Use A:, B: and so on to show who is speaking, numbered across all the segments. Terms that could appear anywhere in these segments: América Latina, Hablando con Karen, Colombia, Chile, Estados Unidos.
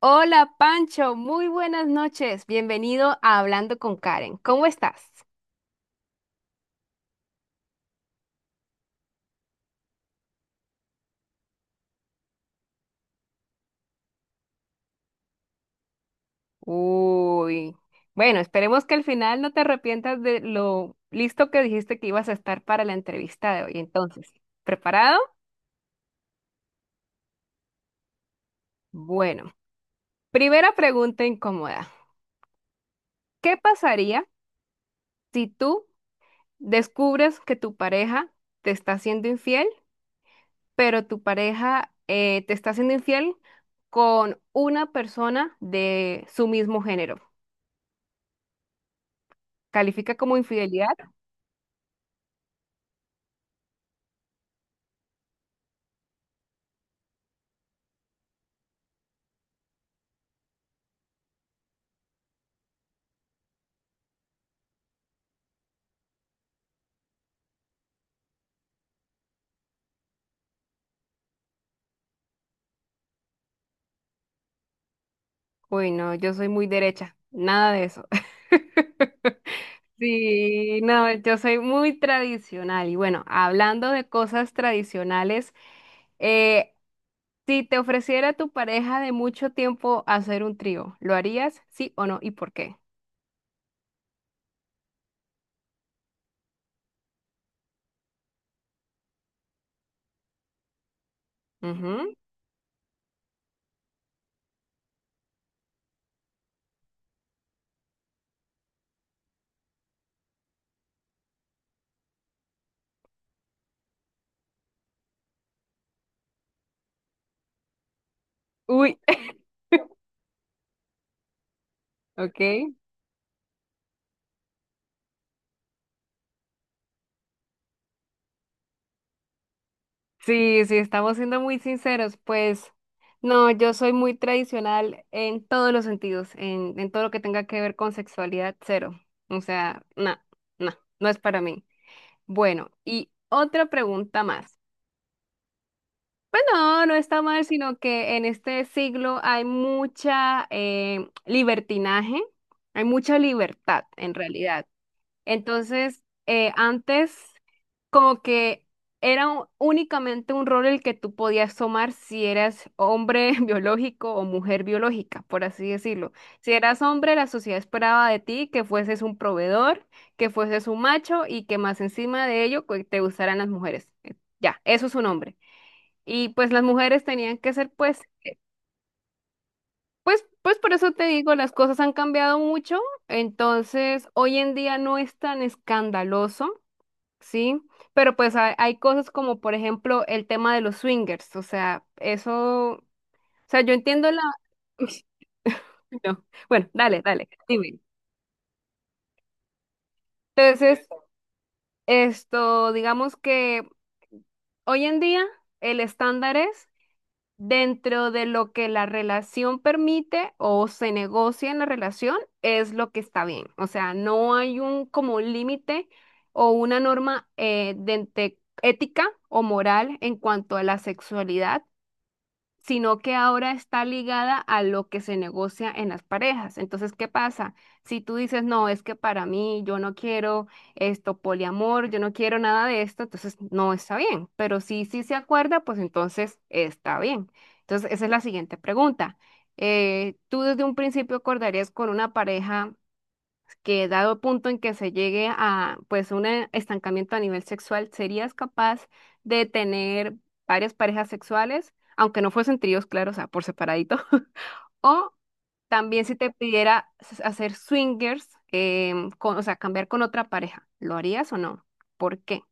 A: Hola Pancho, muy buenas noches. Bienvenido a Hablando con Karen. ¿Cómo estás? Uy, bueno, esperemos que al final no te arrepientas de lo listo que dijiste que ibas a estar para la entrevista de hoy. Entonces, ¿preparado? Bueno, primera pregunta incómoda. ¿Qué pasaría si tú descubres que tu pareja te está siendo infiel, pero tu pareja te está siendo infiel con una persona de su mismo género? ¿Califica como infidelidad? Uy, no, yo soy muy derecha, nada de eso. Sí, no, yo soy muy tradicional y bueno, hablando de cosas tradicionales, eh, si te ofreciera tu pareja de mucho tiempo hacer un trío, ¿lo harías? ¿Sí o no? ¿Y por qué? Ujú. Uy, ok. Sí, sí, estamos siendo muy sinceros, pues no, yo soy muy tradicional en todos los sentidos, en todo lo que tenga que ver con sexualidad, cero. O sea, no, no, no es para mí. Bueno, y otra pregunta más. Pues no, no está mal, sino que en este siglo hay mucha libertinaje, hay mucha libertad en realidad. Entonces, antes como que era únicamente un rol el que tú podías tomar si eras hombre biológico o mujer biológica, por así decirlo. Si eras hombre, la sociedad esperaba de ti que fueses un proveedor, que fueses un macho y que más encima de ello que te gustaran las mujeres. Ya, eso es un hombre. Y pues las mujeres tenían que ser pues, pues por eso te digo, las cosas han cambiado mucho. Entonces, hoy en día no es tan escandaloso. Sí, pero pues hay cosas como por ejemplo el tema de los swingers, o sea, eso, o sea, yo entiendo la... No. Bueno, dale, dale, dime. Entonces, esto, digamos que hoy en día el estándar es dentro de lo que la relación permite o se negocia en la relación, es lo que está bien, o sea, no hay un como límite o una norma de ética o moral en cuanto a la sexualidad, sino que ahora está ligada a lo que se negocia en las parejas. Entonces, ¿qué pasa? Si tú dices, no, es que para mí yo no quiero esto, poliamor, yo no quiero nada de esto, entonces no está bien. Pero si sí se acuerda, pues entonces está bien. Entonces, esa es la siguiente pregunta. ¿Tú desde un principio acordarías con una pareja que dado el punto en que se llegue a pues un estancamiento a nivel sexual, serías capaz de tener varias parejas sexuales, aunque no fuesen tríos, claro, o sea, por separadito? O también si te pidiera hacer swingers, o sea, cambiar con otra pareja, ¿lo harías o no? ¿Por qué?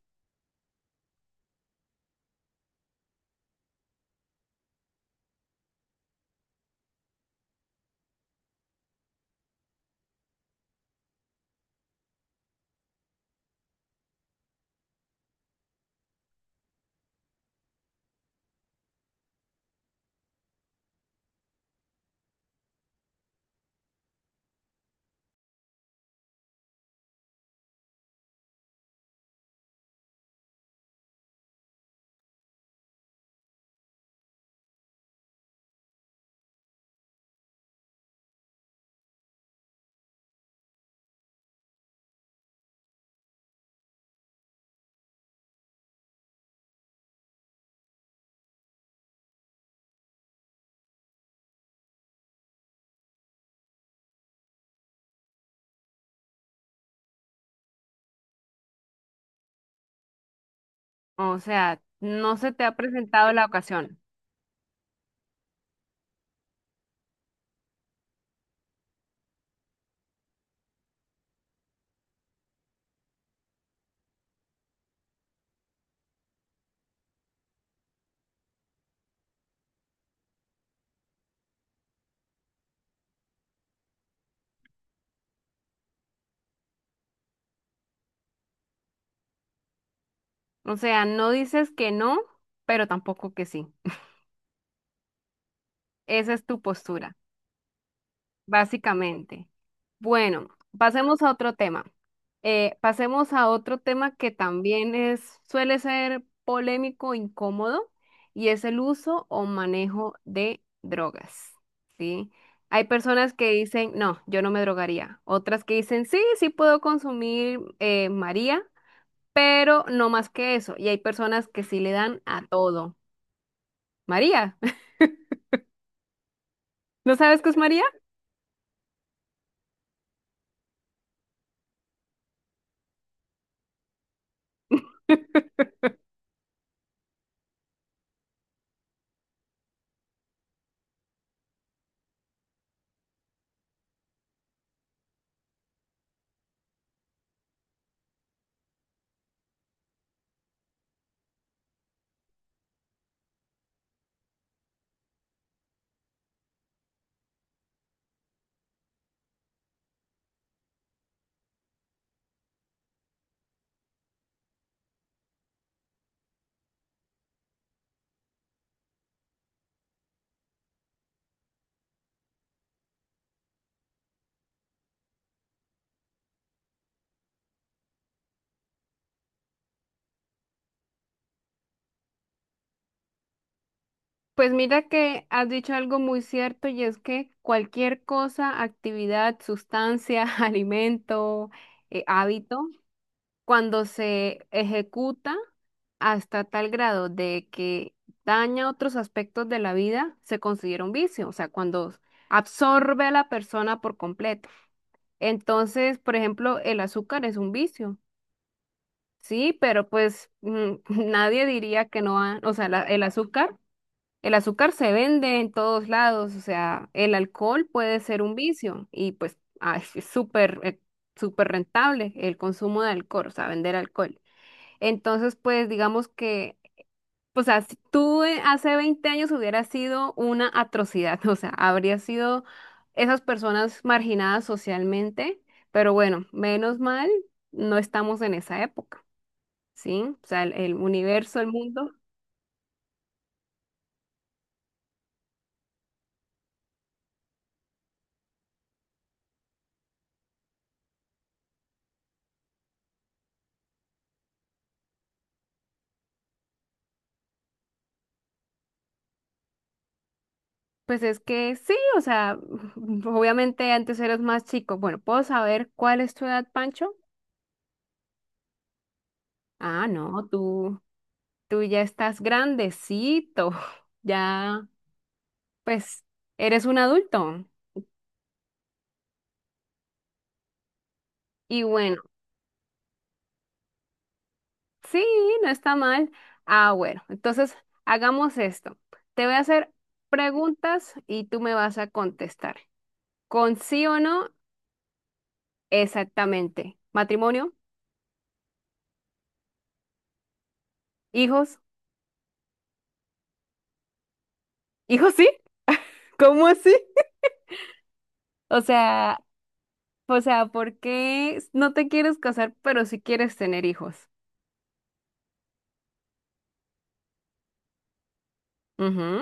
A: O sea, no se te ha presentado la ocasión. O sea, no dices que no, pero tampoco que sí. Esa es tu postura. Básicamente. Bueno, pasemos a otro tema. Pasemos a otro tema que también es, suele ser polémico, incómodo, y es el uso o manejo de drogas, ¿sí? Hay personas que dicen, no, yo no me drogaría. Otras que dicen, sí, sí puedo consumir María, pero no más que eso. Y hay personas que sí le dan a todo. María, ¿no sabes qué es María? Pues mira que has dicho algo muy cierto y es que cualquier cosa, actividad, sustancia, alimento, hábito, cuando se ejecuta hasta tal grado de que daña otros aspectos de la vida, se considera un vicio, o sea, cuando absorbe a la persona por completo. Entonces, por ejemplo, el azúcar es un vicio, sí, pero pues mm, nadie diría que no, o sea, el azúcar. El azúcar se vende en todos lados, o sea, el alcohol puede ser un vicio y pues ah, es súper, súper rentable el consumo de alcohol, o sea, vender alcohol. Entonces, pues digamos que, o sea, si tú hace 20 años hubiera sido una atrocidad, o sea, habría sido esas personas marginadas socialmente, pero bueno, menos mal, no estamos en esa época, ¿sí? O sea, el universo, el mundo. Pues es que sí, o sea, obviamente antes eras más chico. Bueno, ¿puedo saber cuál es tu edad, Pancho? Ah, no, tú ya estás grandecito, ya, pues, eres un adulto. Y bueno, sí, no está mal. Ah, bueno, entonces hagamos esto. Te voy a hacer preguntas y tú me vas a contestar. ¿Con sí o no? Exactamente. ¿Matrimonio? ¿Hijos? ¿Hijos sí? ¿Cómo así? O sea, O sea, ¿por qué no te quieres casar, pero sí quieres tener hijos? Ujú,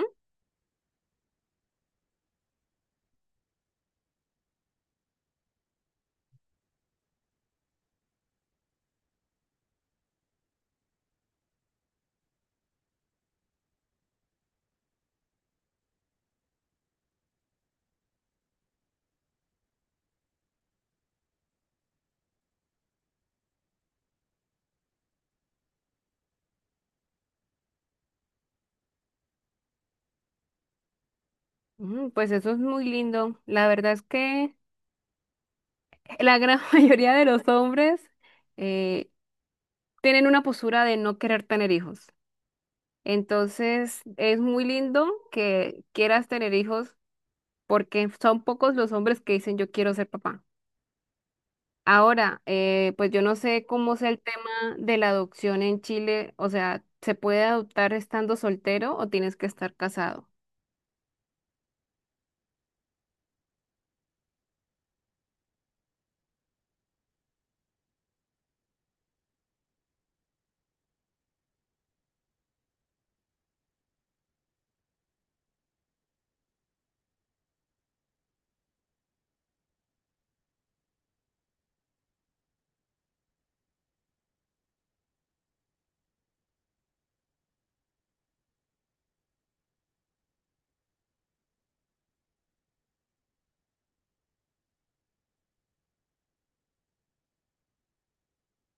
A: ujú, pues eso es muy lindo. La verdad es que la gran mayoría de los hombres eh, tienen una postura de no querer tener hijos. Entonces, es muy lindo que quieras tener hijos porque son pocos los hombres que dicen yo quiero ser papá. Ahora, pues yo no sé cómo sea el tema de la adopción en Chile. O sea, ¿se puede adoptar estando soltero o tienes que estar casado?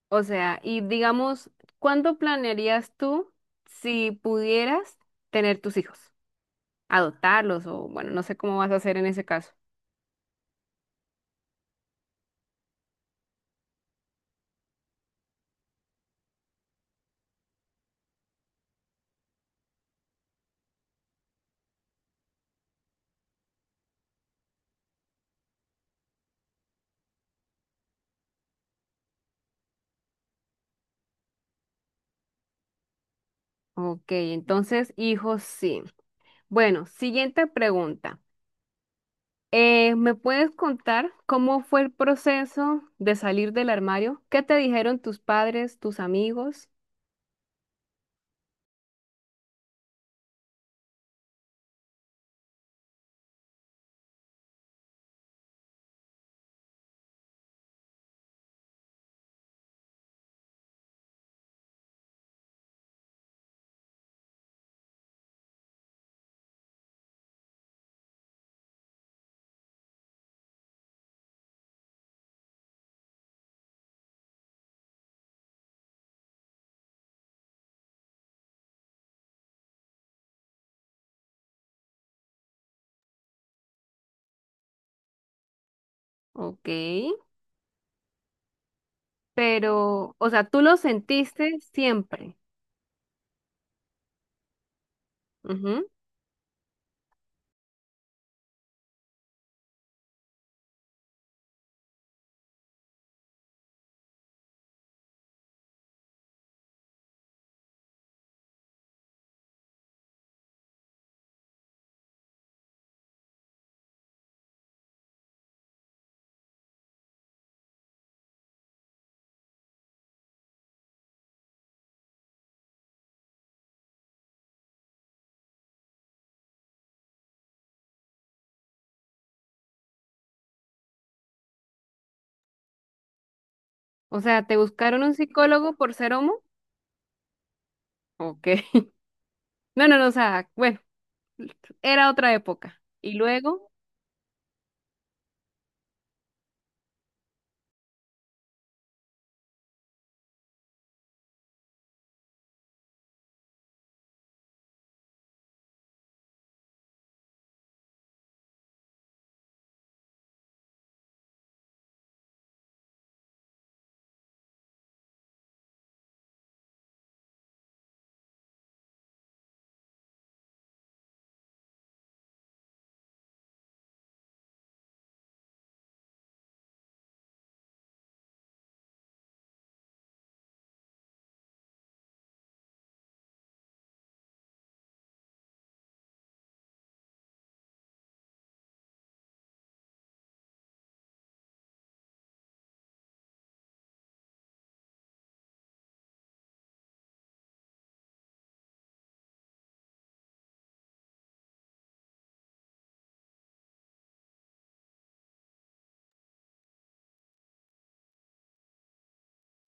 A: O sea, y digamos, ¿cuándo planearías tú si pudieras tener tus hijos? Adoptarlos o bueno, no sé cómo vas a hacer en ese caso. Ok, entonces, hijos sí. Bueno, siguiente pregunta. ¿Me puedes contar cómo fue el proceso de salir del armario? ¿Qué te dijeron tus padres, tus amigos? Ok, pero, o sea, tú lo sentiste siempre. Ujú. O sea, ¿te buscaron un psicólogo por ser homo? Ok. No, no, no, o sea, bueno, era otra época. Y luego,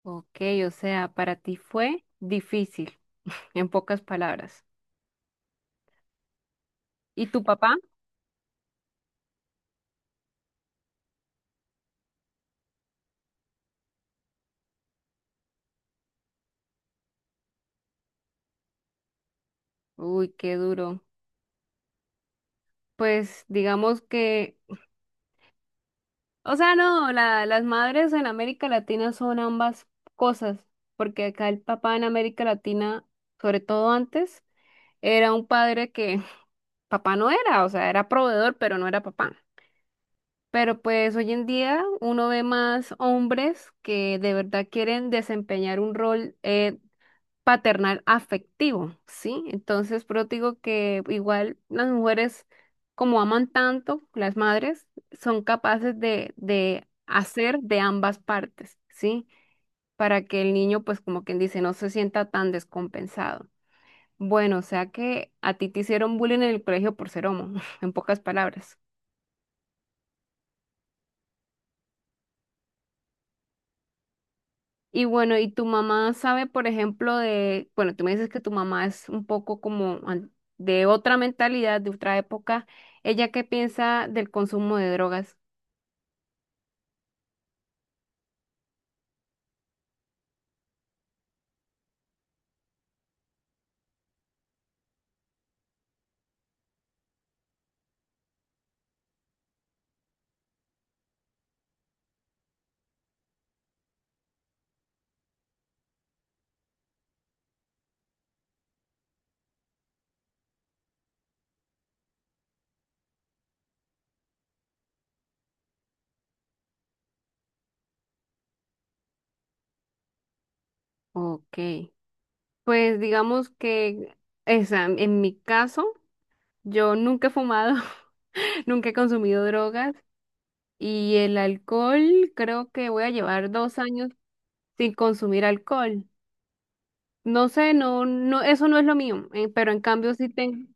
A: ok, o sea, para ti fue difícil, en pocas palabras. ¿Y tu papá? Uy, qué duro. Pues digamos que, o sea, no, las madres en América Latina son ambas cosas, porque acá el papá en América Latina, sobre todo antes, era un padre que papá no era, o sea, era proveedor, pero no era papá. Pero pues hoy en día uno ve más hombres que de verdad quieren desempeñar un rol paternal afectivo, ¿sí? Entonces, pero digo que igual las mujeres, como aman tanto, las madres, son capaces de hacer de ambas partes, ¿sí? Para que el niño, pues como quien dice, no se sienta tan descompensado. Bueno, o sea que a ti te hicieron bullying en el colegio por ser homo, en pocas palabras. Y bueno, ¿y tu mamá sabe, por ejemplo, de, bueno, tú me dices que tu mamá es un poco como de otra mentalidad, de otra época. ¿Ella qué piensa del consumo de drogas? Ok. Pues digamos que esa, en mi caso, yo nunca he fumado, nunca he consumido drogas y el alcohol, creo que voy a llevar 2 años sin consumir alcohol. No sé, no, no, eso no es lo mío, pero en cambio sí tengo.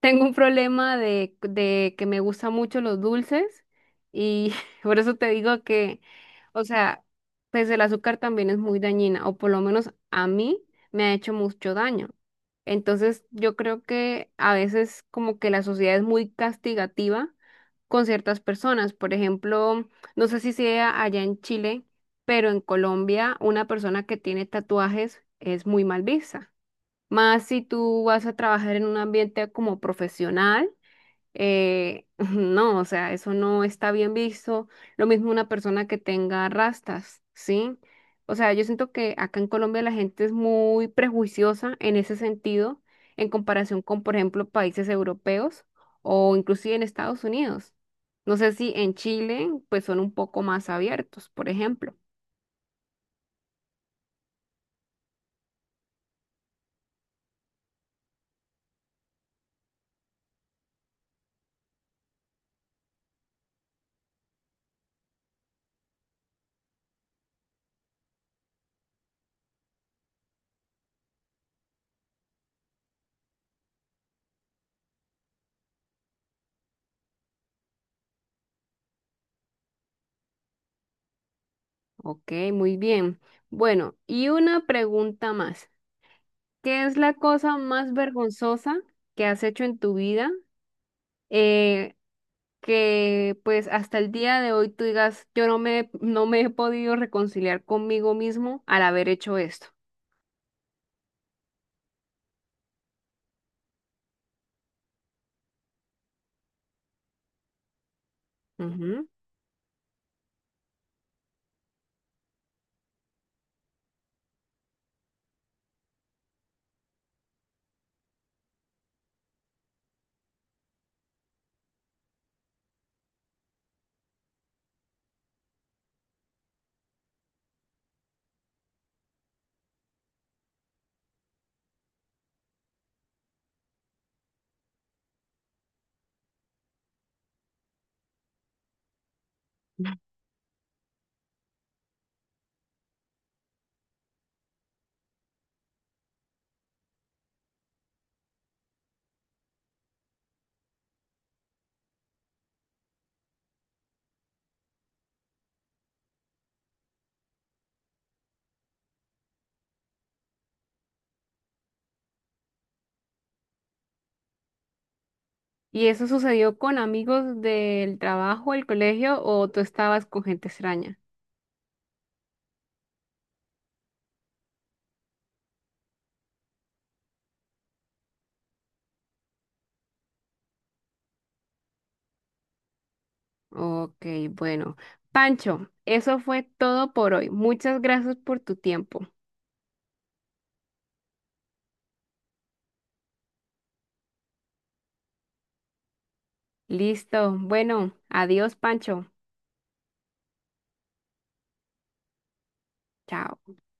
A: Tengo un problema de que me gustan mucho los dulces y por eso te digo que, o sea, pues el azúcar también es muy dañina, o por lo menos a mí me ha hecho mucho daño. Entonces yo creo que a veces como que la sociedad es muy castigativa con ciertas personas. Por ejemplo, no sé si sea allá en Chile, pero en Colombia una persona que tiene tatuajes es muy mal vista. Más si tú vas a trabajar en un ambiente como profesional, eh, no, o sea, eso no está bien visto. Lo mismo una persona que tenga rastas, ¿sí? O sea, yo siento que acá en Colombia la gente es muy prejuiciosa en ese sentido, en comparación con, por ejemplo, países europeos o inclusive en Estados Unidos. No sé si en Chile, pues son un poco más abiertos, por ejemplo. Ok, muy bien. Bueno, y una pregunta más. ¿Qué es la cosa más vergonzosa que has hecho en tu vida? Eh, que pues hasta el día de hoy tú digas, yo no me, no me he podido reconciliar conmigo mismo al haber hecho esto. Ujú. ¿Y eso sucedió con amigos del trabajo, el colegio o tú estabas con gente extraña? Ok, bueno. Pancho, eso fue todo por hoy. Muchas gracias por tu tiempo. Listo. Bueno, adiós, Pancho. Chao.